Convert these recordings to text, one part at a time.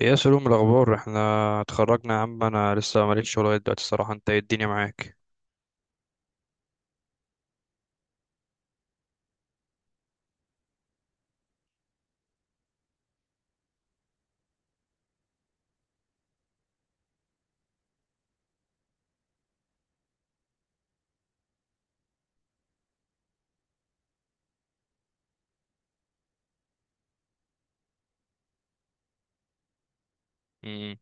ايه يا سلوم الاخبار؟ احنا اتخرجنا يا عم، انا لسه ماليش شغل لغايه دلوقتي الصراحه. انت ايه الدنيا معاك؟ مم.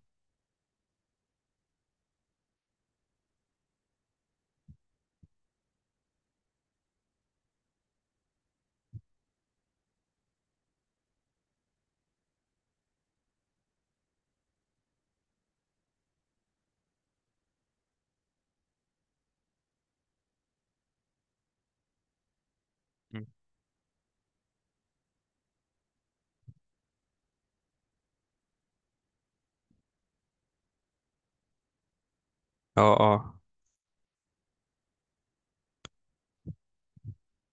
اه، اه،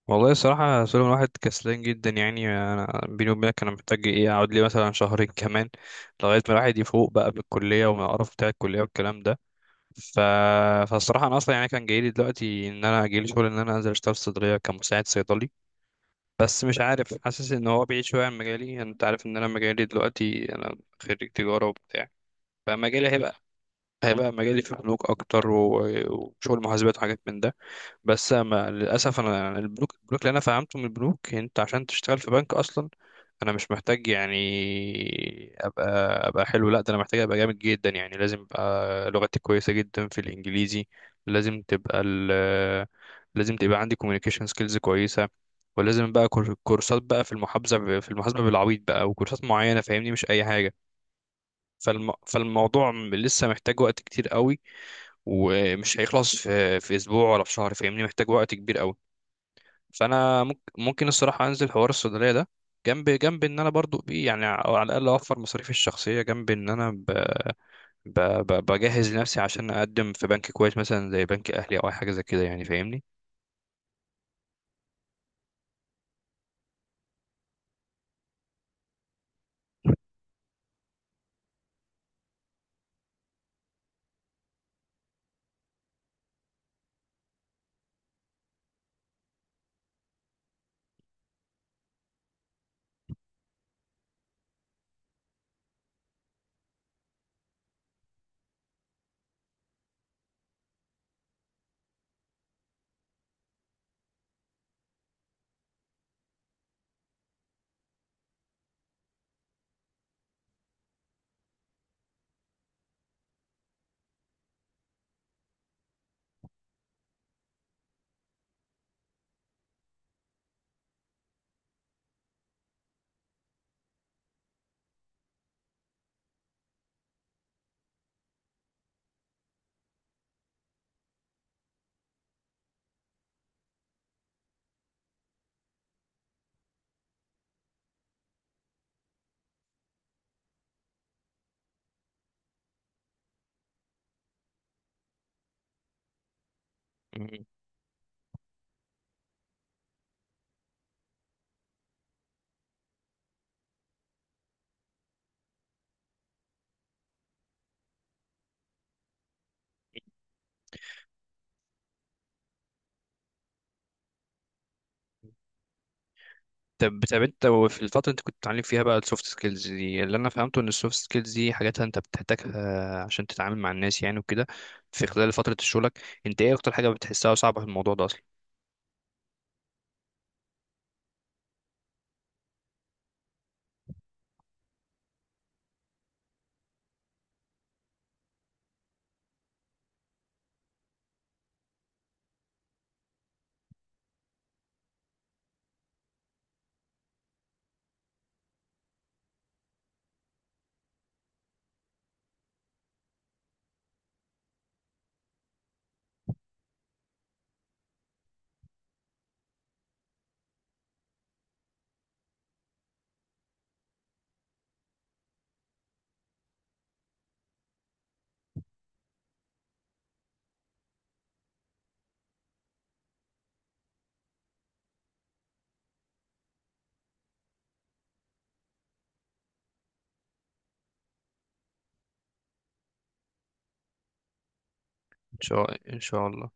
والله الصراحه يا سلوم، الواحد كسلان جدا يعني. انا بيني وبينك انا محتاج ايه، اقعد لي مثلا شهرين كمان لغايه ما الواحد يفوق بقى من الكليه ومن القرف بتاع الكليه والكلام ده. ف... فالصراحه انا اصلا يعني كان جاي لي دلوقتي ان انا جاي لي شغل ان انا انزل اشتغل في صيدليه كمساعد صيدلي. بس مش عارف، حاسس ان هو بعيد شويه عن مجالي. انت عارف ان انا مجالي دلوقتي، انا خريج تجاره وبتاع. فمجالي هيبقى مجالي في البنوك اكتر، و- وشغل محاسبات وحاجات من ده. بس ما للاسف انا يعني البنوك اللي انا فهمته من البنوك، انت عشان تشتغل في بنك اصلا انا مش محتاج يعني ابقى ابقى حلو. لا ده انا محتاج ابقى جامد جدا، يعني لازم ابقى لغتي كويسه جدا في الانجليزي. لازم تبقى ال لازم تبقى عندي communication skills كويسه. ولازم بقى كورسات بقى في المحاسبه بالعبيط بقى، وكورسات معينه فاهمني، مش اي حاجه. فالموضوع لسه محتاج وقت كتير قوي، ومش هيخلص في اسبوع ولا في شهر فاهمني، محتاج وقت كبير قوي. فانا ممكن الصراحه انزل حوار الصيدليه ده جنب ان انا برضو يعني على الاقل اوفر مصاريفي الشخصيه، جنب ان انا ب ب ب بجهز لنفسي عشان اقدم في بنك كويس مثلا زي بنك اهلي او اي حاجه زي كده يعني فاهمني. مم. طب انت في الفتره اللي انت كنت بتتعلم فيها بقى السوفت سكيلز دي، اللي انا فهمته ان السوفت سكيلز دي حاجات انت بتحتاجها عشان تتعامل مع الناس يعني وكده. في خلال فتره شغلك انت ايه اكتر حاجه بتحسها صعبه في الموضوع ده اصلا؟ ان شاء الله.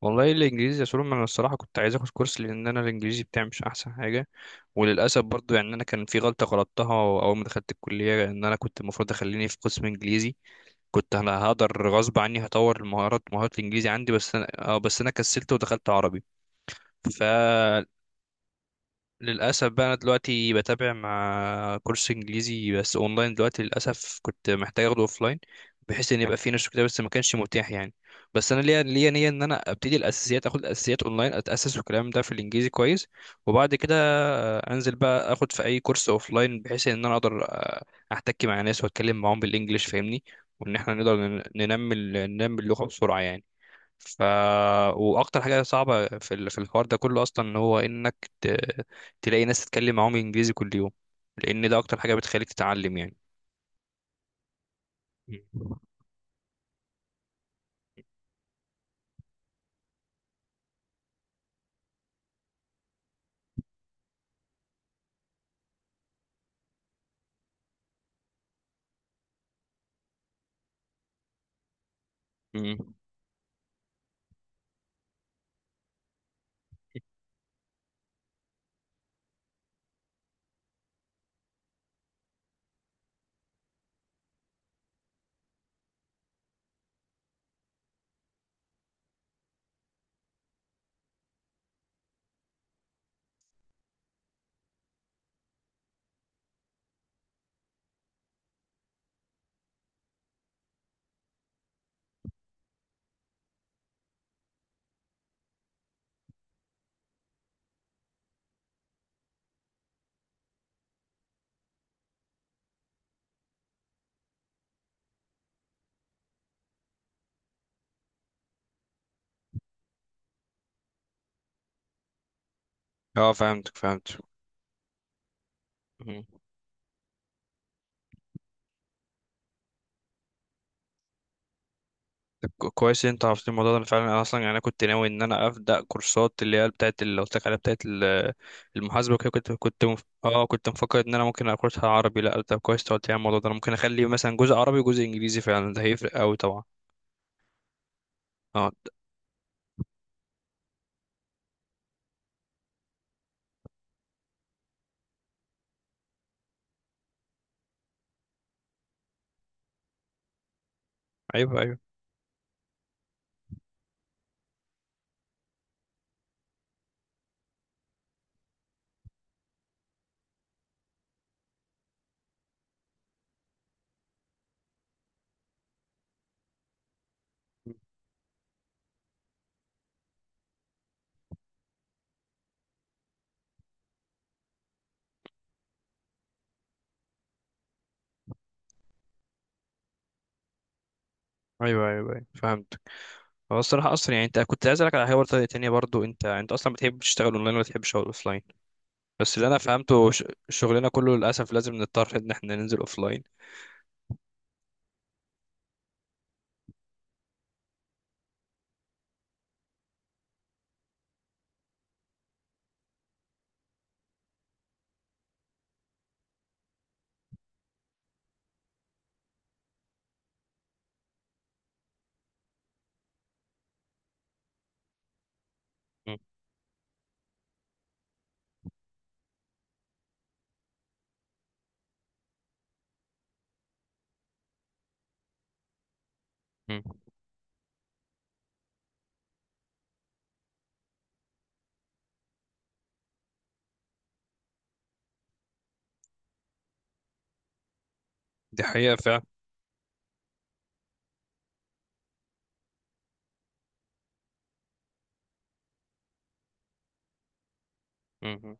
والله الانجليزي يا سولو انا الصراحه كنت عايز اخد كورس، لان انا الانجليزي بتاعي مش احسن حاجه. وللاسف برضو يعني انا كان في غلطه غلطتها، اول ما دخلت الكليه ان انا كنت المفروض اخليني في قسم انجليزي، كنت انا هقدر غصب عني هطور مهارات الانجليزي عندي. بس انا كسلت ودخلت عربي. ف للأسف بقى أنا دلوقتي بتابع مع كورس إنجليزي، بس أونلاين. دلوقتي للأسف كنت محتاج أخده أوفلاين، بحيث إن يبقى فيه نشر كده، بس ما كانش متاح يعني. بس أنا ليا نية إن أنا أبتدي الأساسيات، أخد الأساسيات أونلاين، أتأسس والكلام ده في الإنجليزي كويس. وبعد كده أنزل بقى أخد في أي كورس أوفلاين، بحيث إن أنا أقدر أحتك مع ناس وأتكلم معاهم بالإنجليش فاهمني، وإن إحنا نقدر ننمي ننمي اللغة بسرعة يعني. ف واكتر حاجه صعبه في في الحوار ده كله اصلا ان هو انك تلاقي ناس تتكلم معاهم انجليزي كل يوم، لان ده اكتر حاجه بتخليك تتعلم يعني. مم. مم. اه، فهمتك، فهمت. مم. طب كويس إن انت عرفت الموضوع ده. أنا فعلا، انا اصلا يعني انا كنت ناوي ان انا ابدا كورسات، اللي هي بتاعت اللي قلت لك عليها، بتاعت المحاسبه وكده. كنت كنت مف... اه كنت مفكر ان انا ممكن اخدها عربي. لا طب كويس إنت قلت لي على الموضوع ده، انا ممكن اخلي مثلا جزء عربي وجزء انجليزي، فعلا ده هيفرق قوي طبعا. اه. ايوه، ايوه. ايوه، ايوه, أيوة. فهمت. هو الصراحة أصلا يعني أنت كنت عايز أسألك على حوار تانية، برضو أنت أصلا بتحب تشتغل أونلاين ولا بتحب تشتغل أوفلاين؟ بس اللي أنا فهمته شغلنا كله للأسف لازم نضطر إن إحنا ننزل أوفلاين. م- م. دي حقيقة فعلا. م-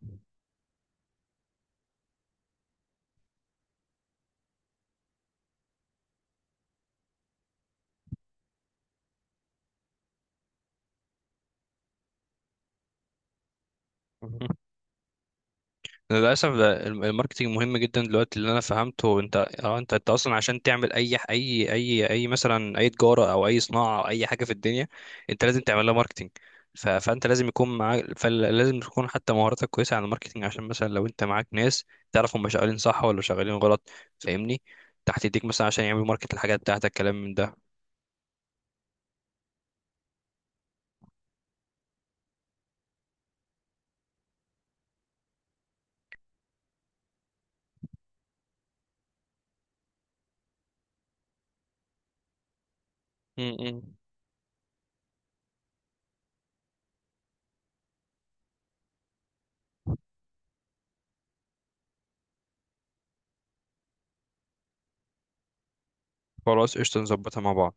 م. للاسف ده الماركتينج مهم جدا دلوقتي، اللي انا فهمته انت اه انت انت اصلا عشان تعمل اي مثلا اي تجاره او اي صناعه او اي حاجه في الدنيا، انت لازم تعمل لها ماركتينج. فانت لازم يكون معاك، فلازم تكون حتى مهاراتك كويسه على الماركتينج عشان مثلا لو انت معاك ناس تعرف هم شغالين صح ولا شغالين غلط فاهمني، تحت ايديك مثلا عشان يعملوا ماركت الحاجات بتاعتك كلام من ده. م- م. خلاص قشطه، نظبطها مع بعض.